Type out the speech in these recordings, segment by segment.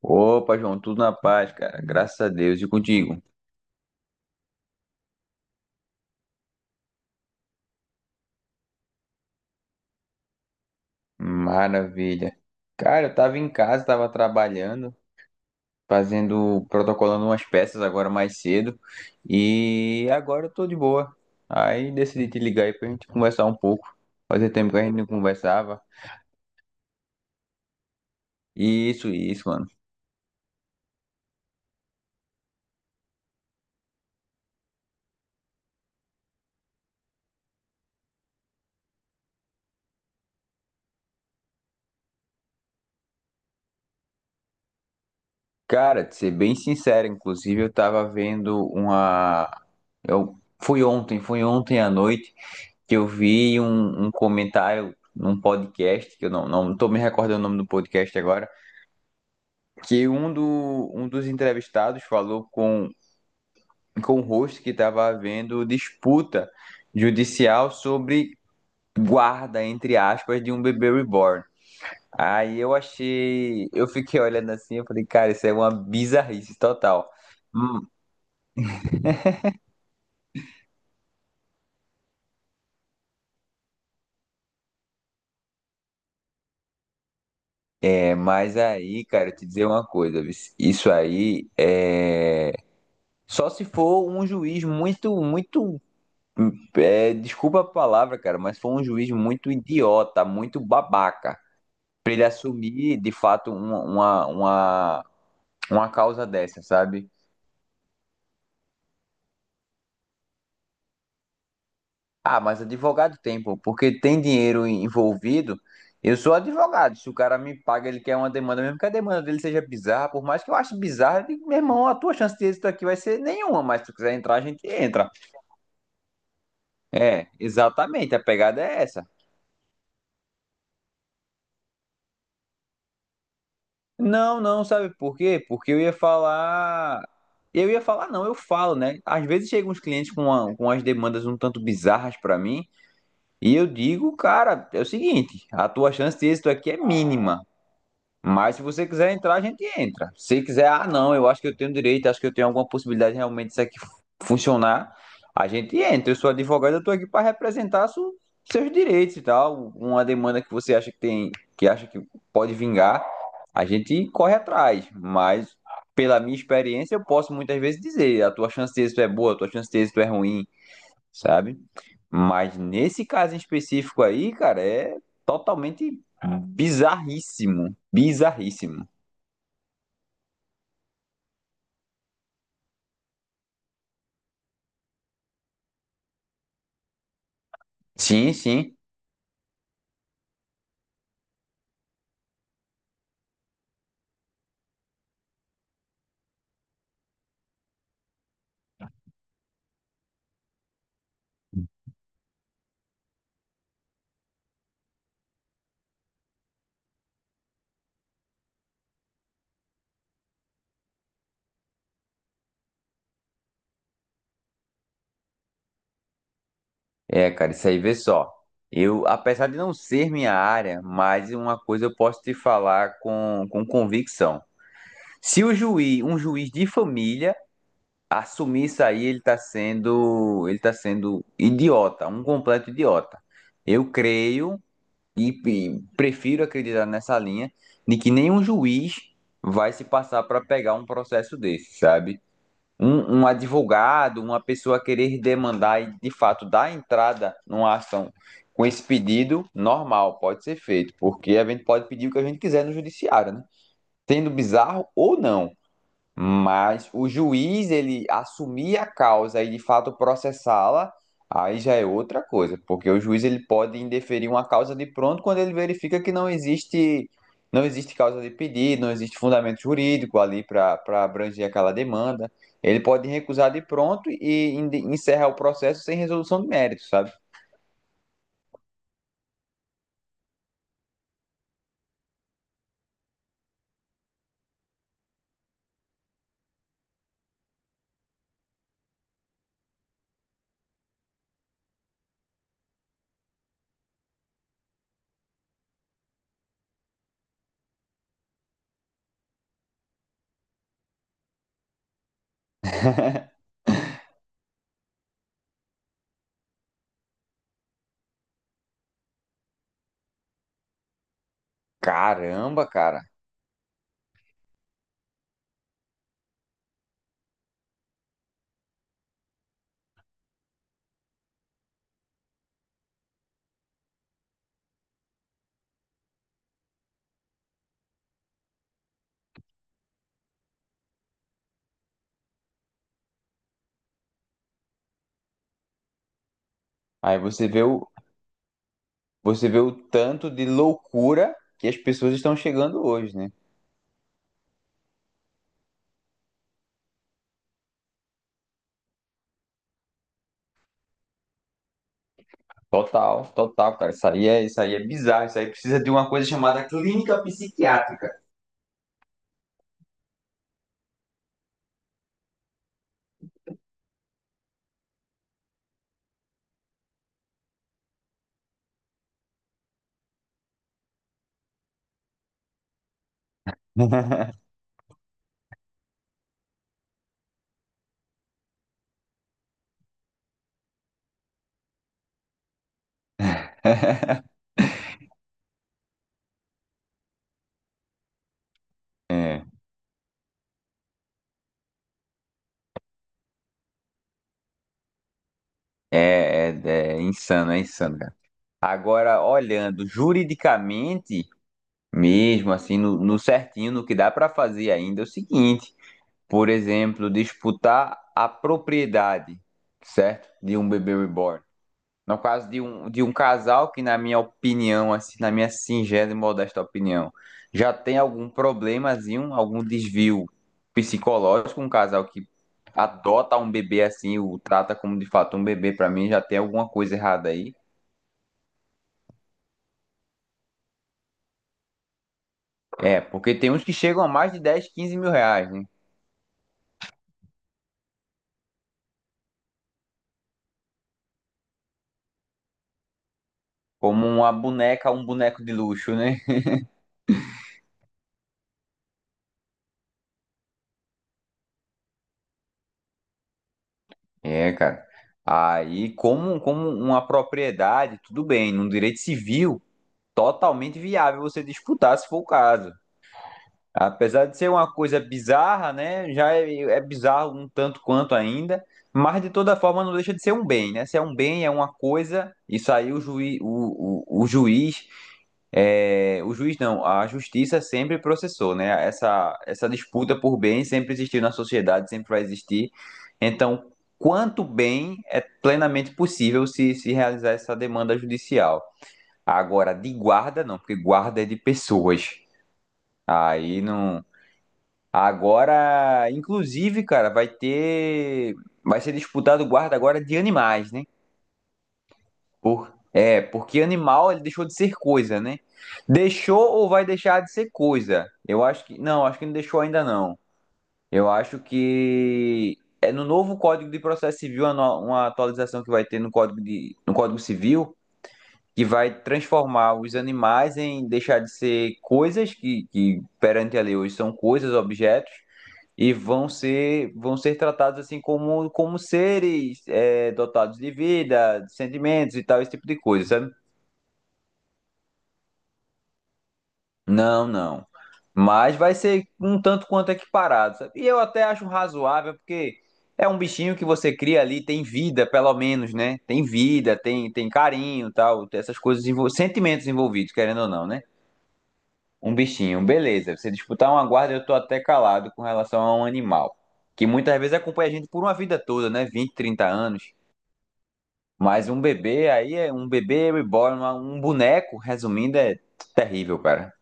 Opa, João, tudo na paz, cara. Graças a Deus. E contigo? Maravilha. Cara, eu tava em casa, tava trabalhando, fazendo, protocolando umas peças agora mais cedo. E agora eu tô de boa. Aí decidi te ligar aí pra gente conversar um pouco. Fazia tempo que a gente não conversava. Isso, mano. Cara, de ser bem sincero, inclusive, eu tava vendo uma. Eu... fui ontem à noite. Que eu vi um comentário num podcast, que eu não tô me recordando o nome do podcast agora, que um, do, um dos entrevistados falou com o host, que estava havendo disputa judicial sobre guarda, entre aspas, de um bebê reborn. Aí eu achei, eu fiquei olhando assim, eu falei, cara, isso é uma bizarrice total. Hum. É, mas aí, cara, eu te dizer uma coisa, viu? Isso aí é só se for um juiz muito, muito... É, desculpa a palavra, cara, mas foi um juiz muito idiota, muito babaca, pra ele assumir de fato uma causa dessa, sabe? Ah, mas advogado tem, pô, porque tem dinheiro envolvido. Eu sou advogado. Se o cara me paga, ele quer uma demanda, mesmo que a demanda dele seja bizarra, por mais que eu ache bizarra, eu digo, meu irmão, a tua chance de êxito aqui vai ser nenhuma, mas se tu quiser entrar, a gente entra. É, exatamente, a pegada é essa. Não, não, sabe por quê? Porque eu ia falar. Eu ia falar, não, eu falo, né? Às vezes chegam uns clientes com, com as demandas um tanto bizarras pra mim, e eu digo, cara, é o seguinte, a tua chance de êxito aqui é mínima. Mas se você quiser entrar, a gente entra. Se quiser, ah, não, eu acho que eu tenho direito, acho que eu tenho alguma possibilidade de realmente disso aqui funcionar, a gente entra. Eu sou advogado, eu tô aqui para representar seus direitos e tal. Uma demanda que você acha que tem, que acha que pode vingar, a gente corre atrás. Mas pela minha experiência, eu posso muitas vezes dizer, a tua chance de êxito é boa, a tua chance de êxito é ruim, sabe? Mas nesse caso em específico aí, cara, é totalmente bizarríssimo, bizarríssimo. Sim, sim. É, cara, isso aí vê só. Eu, apesar de não ser minha área, mas uma coisa eu posso te falar com convicção. Se o juiz, um juiz de família assumir isso aí, ele tá sendo idiota, um completo idiota. Eu creio, E, e prefiro acreditar nessa linha de que nenhum juiz vai se passar para pegar um processo desse, sabe? Um advogado, uma pessoa querer demandar e de fato dar entrada numa ação com esse pedido, normal, pode ser feito, porque a gente pode pedir o que a gente quiser no judiciário, né? Sendo bizarro ou não. Mas o juiz, ele assumir a causa e de fato processá-la, aí já é outra coisa, porque o juiz, ele pode indeferir uma causa de pronto quando ele verifica que não existe causa de pedido, não existe fundamento jurídico ali para abranger aquela demanda. Ele pode recusar de pronto e encerrar o processo sem resolução de mérito, sabe? Caramba, cara. Aí você vê o tanto de loucura que as pessoas estão chegando hoje, né? Total, total, cara. Isso aí é bizarro. Isso aí precisa de uma coisa chamada clínica psiquiátrica. É, é, é, é, insano, é insano, cara. Agora, olhando juridicamente, mesmo assim, no certinho, no que dá para fazer ainda é o seguinte: por exemplo, disputar a propriedade, certo? De um bebê reborn. No caso de um casal que, na minha opinião, assim, na minha singela e modesta opinião, já tem algum problemazinho, algum desvio psicológico, um casal que adota um bebê assim, o trata como de fato um bebê, pra mim já tem alguma coisa errada aí. É, porque tem uns que chegam a mais de 10, 15 mil reais, né? Como uma boneca, um boneco de luxo, né? É, cara. Aí, como, como uma propriedade, tudo bem, num direito civil, totalmente viável você disputar se for o caso. Apesar de ser uma coisa bizarra, né? Já é, é bizarro um tanto quanto ainda, mas de toda forma não deixa de ser um bem, né? Se é um bem, é uma coisa, isso aí o juiz, o juiz, é, o juiz não, a justiça sempre processou, né? Essa disputa por bem sempre existiu na sociedade, sempre vai existir. Então, quanto bem é plenamente possível se realizar essa demanda judicial. Agora, de guarda, não, porque guarda é de pessoas. Aí não. Agora, inclusive, cara, vai ter. Vai ser disputado o guarda agora de animais, né? Por... É, porque animal ele deixou de ser coisa, né? Deixou ou vai deixar de ser coisa? Eu acho que... Não, acho que não deixou ainda não. Eu acho que... É no novo Código de Processo Civil, uma no- uma atualização que vai ter no Código, de... no Código Civil, que vai transformar os animais em deixar de ser coisas, que perante a lei hoje são coisas, objetos, e vão ser tratados assim como seres, é, dotados de vida, de sentimentos e tal, esse tipo de coisa, sabe? Não, não. Mas vai ser um tanto quanto equiparado, sabe? E eu até acho razoável, porque é um bichinho que você cria ali, tem vida, pelo menos, né? Tem vida, tem carinho, tal, tem essas coisas, sentimentos envolvidos, querendo ou não, né? Um bichinho, beleza. Você disputar uma guarda, eu tô até calado com relação a um animal, que muitas vezes acompanha a gente por uma vida toda, né? 20, 30 anos. Mas um bebê aí, é um bebê reborn, um boneco, resumindo, é terrível, cara.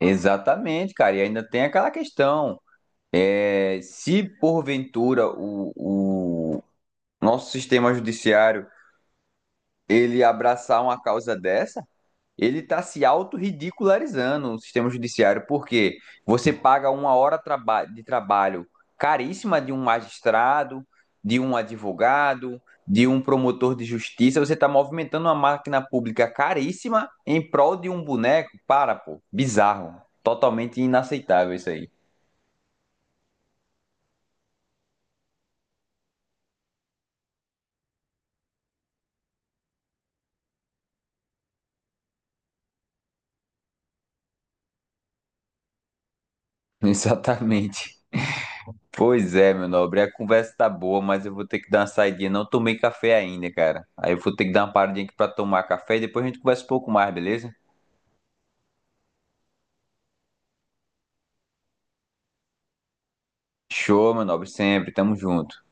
Exatamente, cara. E ainda tem aquela questão. É, se porventura o nosso sistema judiciário, ele abraçar uma causa dessa, ele está se autorridicularizando o sistema judiciário, porque você paga uma hora de trabalho caríssima de um magistrado, de um advogado, de um promotor de justiça, você está movimentando uma máquina pública caríssima em prol de um boneco? Para, pô, bizarro, totalmente inaceitável isso aí. Exatamente. Pois é, meu nobre, a conversa tá boa, mas eu vou ter que dar uma saidinha. Não tomei café ainda, cara. Aí eu vou ter que dar uma paradinha aqui pra tomar café e depois a gente conversa um pouco mais, beleza? Show, meu nobre, sempre. Tamo junto.